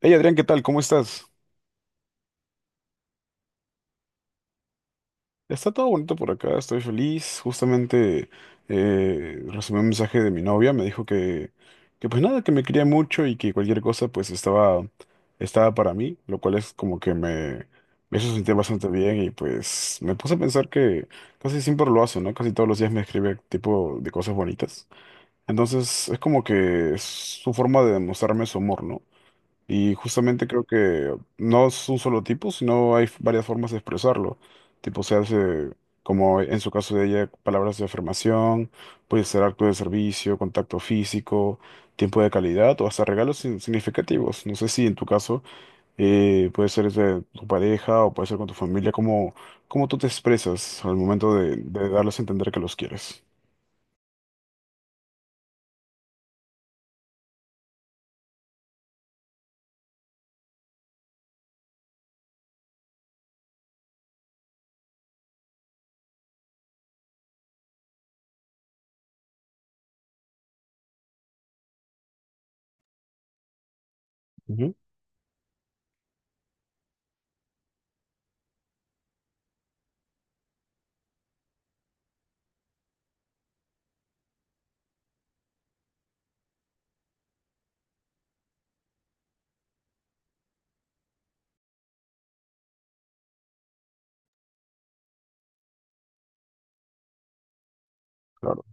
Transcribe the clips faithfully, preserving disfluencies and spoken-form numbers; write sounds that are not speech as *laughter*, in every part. Hey Adrián, ¿qué tal? ¿Cómo estás? Está todo bonito por acá, estoy feliz. Justamente eh, recibí un mensaje de mi novia, me dijo que, que pues nada, que me quería mucho y que cualquier cosa pues estaba, estaba para mí, lo cual es como que me, me hizo sentir bastante bien y pues me puse a pensar que casi siempre lo hace, ¿no? Casi todos los días me escribe tipo de cosas bonitas. Entonces es como que es su forma de demostrarme su amor, ¿no? Y justamente creo que no es un solo tipo, sino hay varias formas de expresarlo. Tipo, se hace, como en su caso de ella, palabras de afirmación, puede ser acto de servicio, contacto físico, tiempo de calidad o hasta regalos sin- significativos. No sé si en tu caso eh, puede ser de tu pareja o puede ser con tu familia, cómo, cómo tú te expresas al momento de, de darles a entender que los quieres. Ujú. Claro,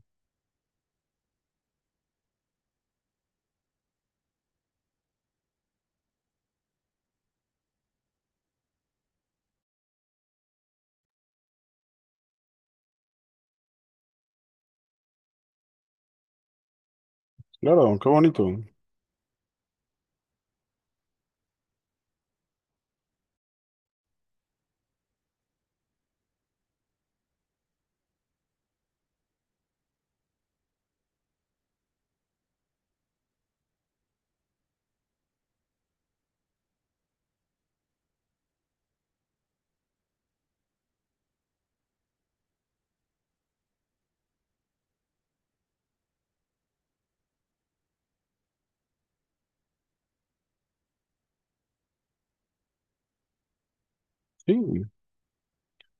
claro, qué bonito. Sí.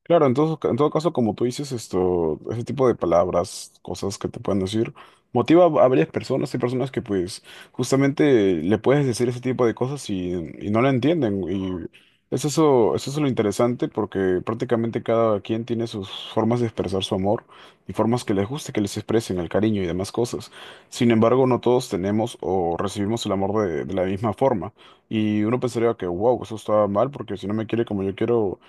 Claro, en todo, en todo caso, como tú dices, esto, ese tipo de palabras, cosas que te pueden decir, motiva a varias personas. Hay personas que, pues, justamente le puedes decir ese tipo de cosas y, y no la entienden. Y es eso, es eso lo interesante, porque prácticamente cada quien tiene sus formas de expresar su amor y formas que les guste que les expresen el cariño y demás cosas. Sin embargo, no todos tenemos o recibimos el amor de, de la misma forma. Y uno pensaría que, wow, eso está mal, porque si no me quiere como yo quiero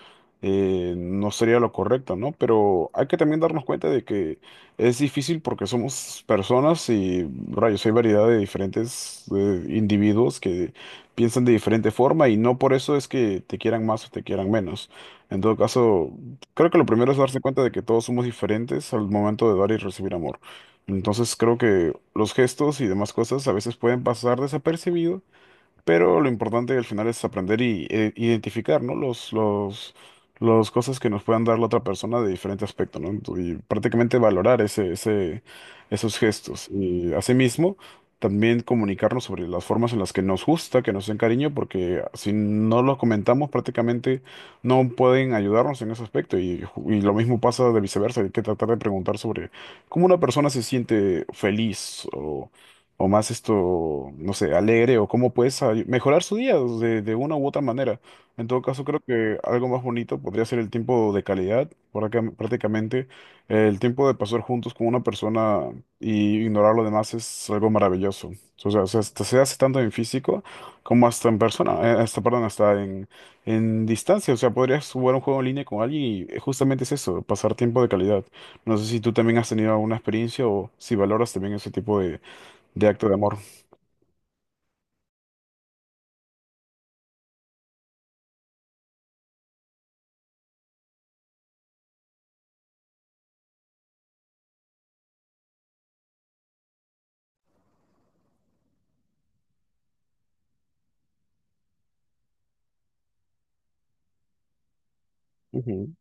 eh, no sería lo correcto, ¿no? Pero hay que también darnos cuenta de que es difícil porque somos personas y, rayos, hay variedad de diferentes eh, individuos que piensan de diferente forma y no por eso es que te quieran más o te quieran menos. En todo caso, creo que lo primero es darse cuenta de que todos somos diferentes al momento de dar y recibir amor. Entonces creo que los gestos y demás cosas a veces pueden pasar desapercibidos, pero lo importante al final es aprender y eh, identificar, ¿no? Los, los, los cosas que nos puedan dar la otra persona de diferente aspecto, ¿no? Ento- Y prácticamente valorar ese, ese, esos gestos. Y asimismo, también comunicarnos sobre las formas en las que nos gusta, que nos den cariño, porque si no lo comentamos, prácticamente no pueden ayudarnos en ese aspecto. Y, ju- y lo mismo pasa de viceversa. Hay que tratar de preguntar sobre cómo una persona se siente feliz o más esto, no sé, alegre o cómo puedes ay- mejorar su día de, de una u otra manera. En todo caso, creo que algo más bonito podría ser el tiempo de calidad, por acá prácticamente el tiempo de pasar juntos con una persona y ignorar lo demás es algo maravilloso. O sea, o sea, hasta se hace tanto en físico como hasta en persona, eh, hasta, perdón, hasta en, en distancia. O sea, podrías jugar un juego en línea con alguien y eh, justamente es eso, pasar tiempo de calidad. No sé si tú también has tenido alguna experiencia o si valoras también ese tipo de de acto de amor. Ujú.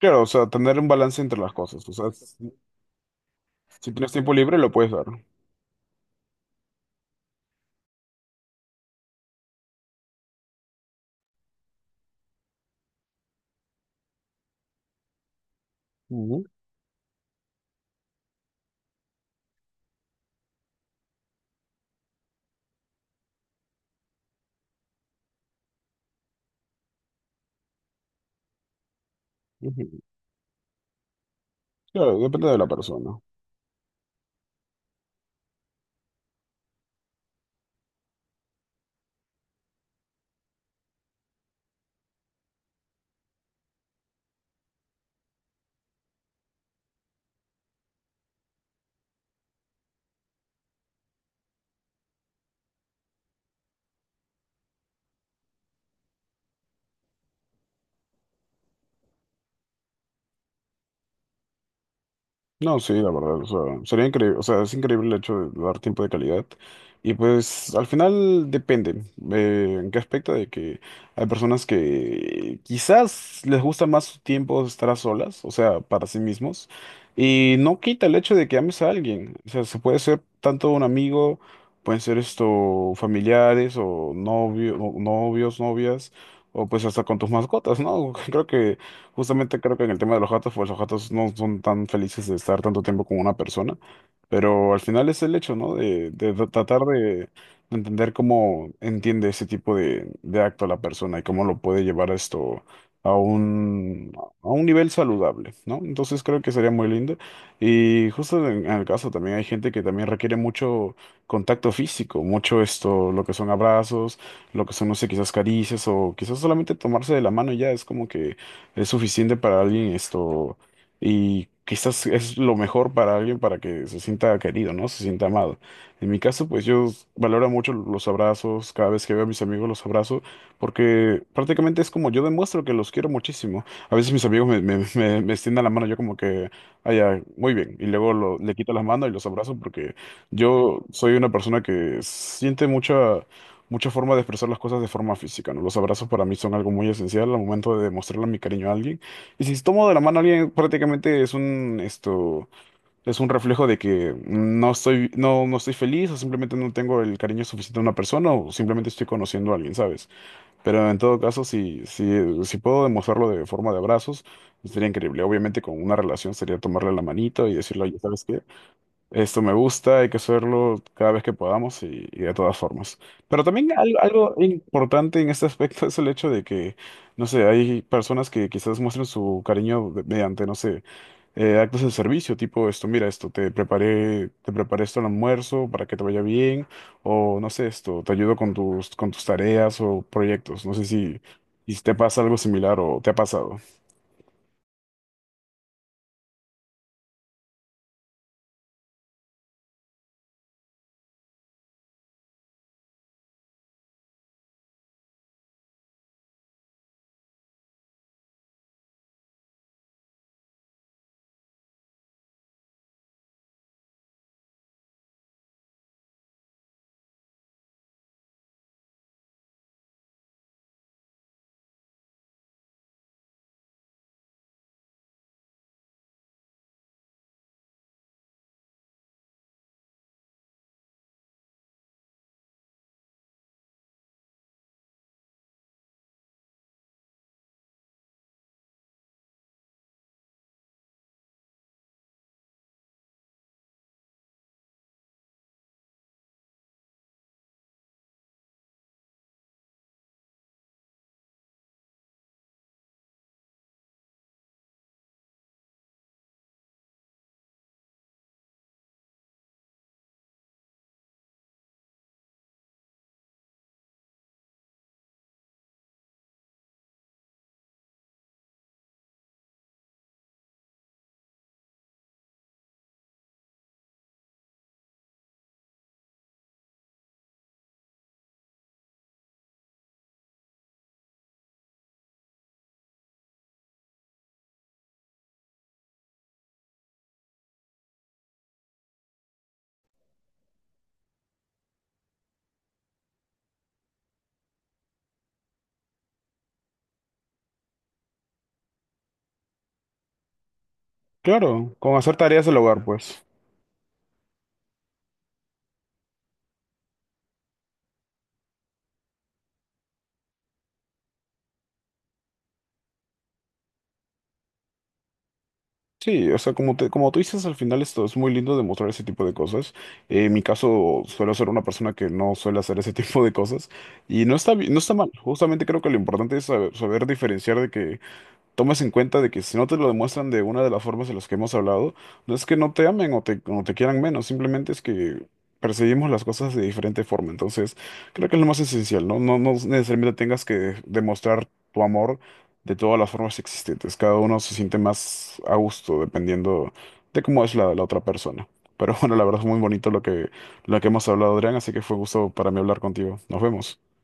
Claro, o sea, tener un balance entre las cosas. O sea, si si tienes tiempo libre, lo puedes dar. Ujú, ujú. Claro, depende de la persona. No, sí, la verdad, o sea, sería increíble, o sea, es increíble el hecho de dar tiempo de calidad. Y pues al final depende, eh, en qué aspecto de que hay personas que quizás les gusta más su tiempo estar a solas, o sea, para sí mismos, y no quita el hecho de que ames a alguien, o sea, se puede ser tanto un amigo, pueden ser esto familiares o novio, o novios, novias, o pues hasta con tus mascotas, ¿no? *laughs* Creo que justamente creo que en el tema de los gatos, pues los gatos no son tan felices de estar tanto tiempo con una persona, pero al final es el hecho, ¿no? De, de tra- tratar de, de entender cómo entiende ese tipo de, de acto la persona y cómo lo puede llevar esto a un, a un nivel saludable, ¿no? Entonces creo que sería muy lindo. Y justo en, en el caso también hay gente que también requiere mucho contacto físico, mucho esto, lo que son abrazos, lo que son, no sé, quizás caricias o quizás solamente tomarse de la mano y ya es como que es suficiente para alguien esto y quizás es lo mejor para alguien para que se sienta querido, ¿no? Se sienta amado. En mi caso, pues yo valoro mucho los abrazos, cada vez que veo a mis amigos los abrazo, porque prácticamente es como yo demuestro que los quiero muchísimo. A veces mis amigos me, me, *laughs* me, me extienden la mano, yo como que, ah, ya, muy bien, y luego lo- le quito las manos y los abrazo porque yo soy una persona que siente mucha... Mucha forma de expresar las cosas de forma física, ¿no? Los abrazos para mí son algo muy esencial al momento de demostrarle mi cariño a alguien. Y si tomo de la mano a alguien, prácticamente es un, esto, es un reflejo de que no estoy, no, no estoy feliz o simplemente no tengo el cariño suficiente a una persona o simplemente estoy conociendo a alguien, ¿sabes? Pero en todo caso, si, si, si puedo demostrarlo de forma de abrazos, sería increíble. Obviamente con una relación sería tomarle la manito y decirle, oye, ¿sabes qué? Esto me gusta, hay que hacerlo cada vez que podamos y, y de todas formas. Pero también algo, algo importante en este aspecto *laughs* es el hecho de que, no sé, hay personas que quizás muestren su cariño de- mediante, no sé, eh, actos de servicio, tipo esto, mira esto, te preparé, te preparé esto al almuerzo para que te vaya bien, o no sé, esto, te ayudo con tus, con tus tareas o proyectos. No sé si, si te pasa algo similar o te ha pasado. Claro, con hacer tareas del hogar, pues. Sí, o sea, como te, como tú dices, al final esto es muy lindo demostrar ese tipo de cosas. Eh, en mi caso, suelo ser una persona que no suele hacer ese *laughs* tipo de cosas y no está, bi- no está mal. Justamente creo que lo importante es saber, saber diferenciar de que tomes en cuenta de que si no te lo demuestran de una de las formas de las que hemos hablado, no es que no te amen o te, o te quieran menos, simplemente es que percibimos las cosas de diferente forma. Entonces, creo que es lo más esencial, ¿no? No, no necesariamente tengas que demostrar tu amor de todas las formas existentes. Cada uno se siente más a gusto dependiendo de cómo es la, la otra persona. Pero *laughs* bueno, la verdad es muy bonito lo que, lo que hemos hablado, Adrián, así que fue un gusto para mí hablar contigo. Nos vemos.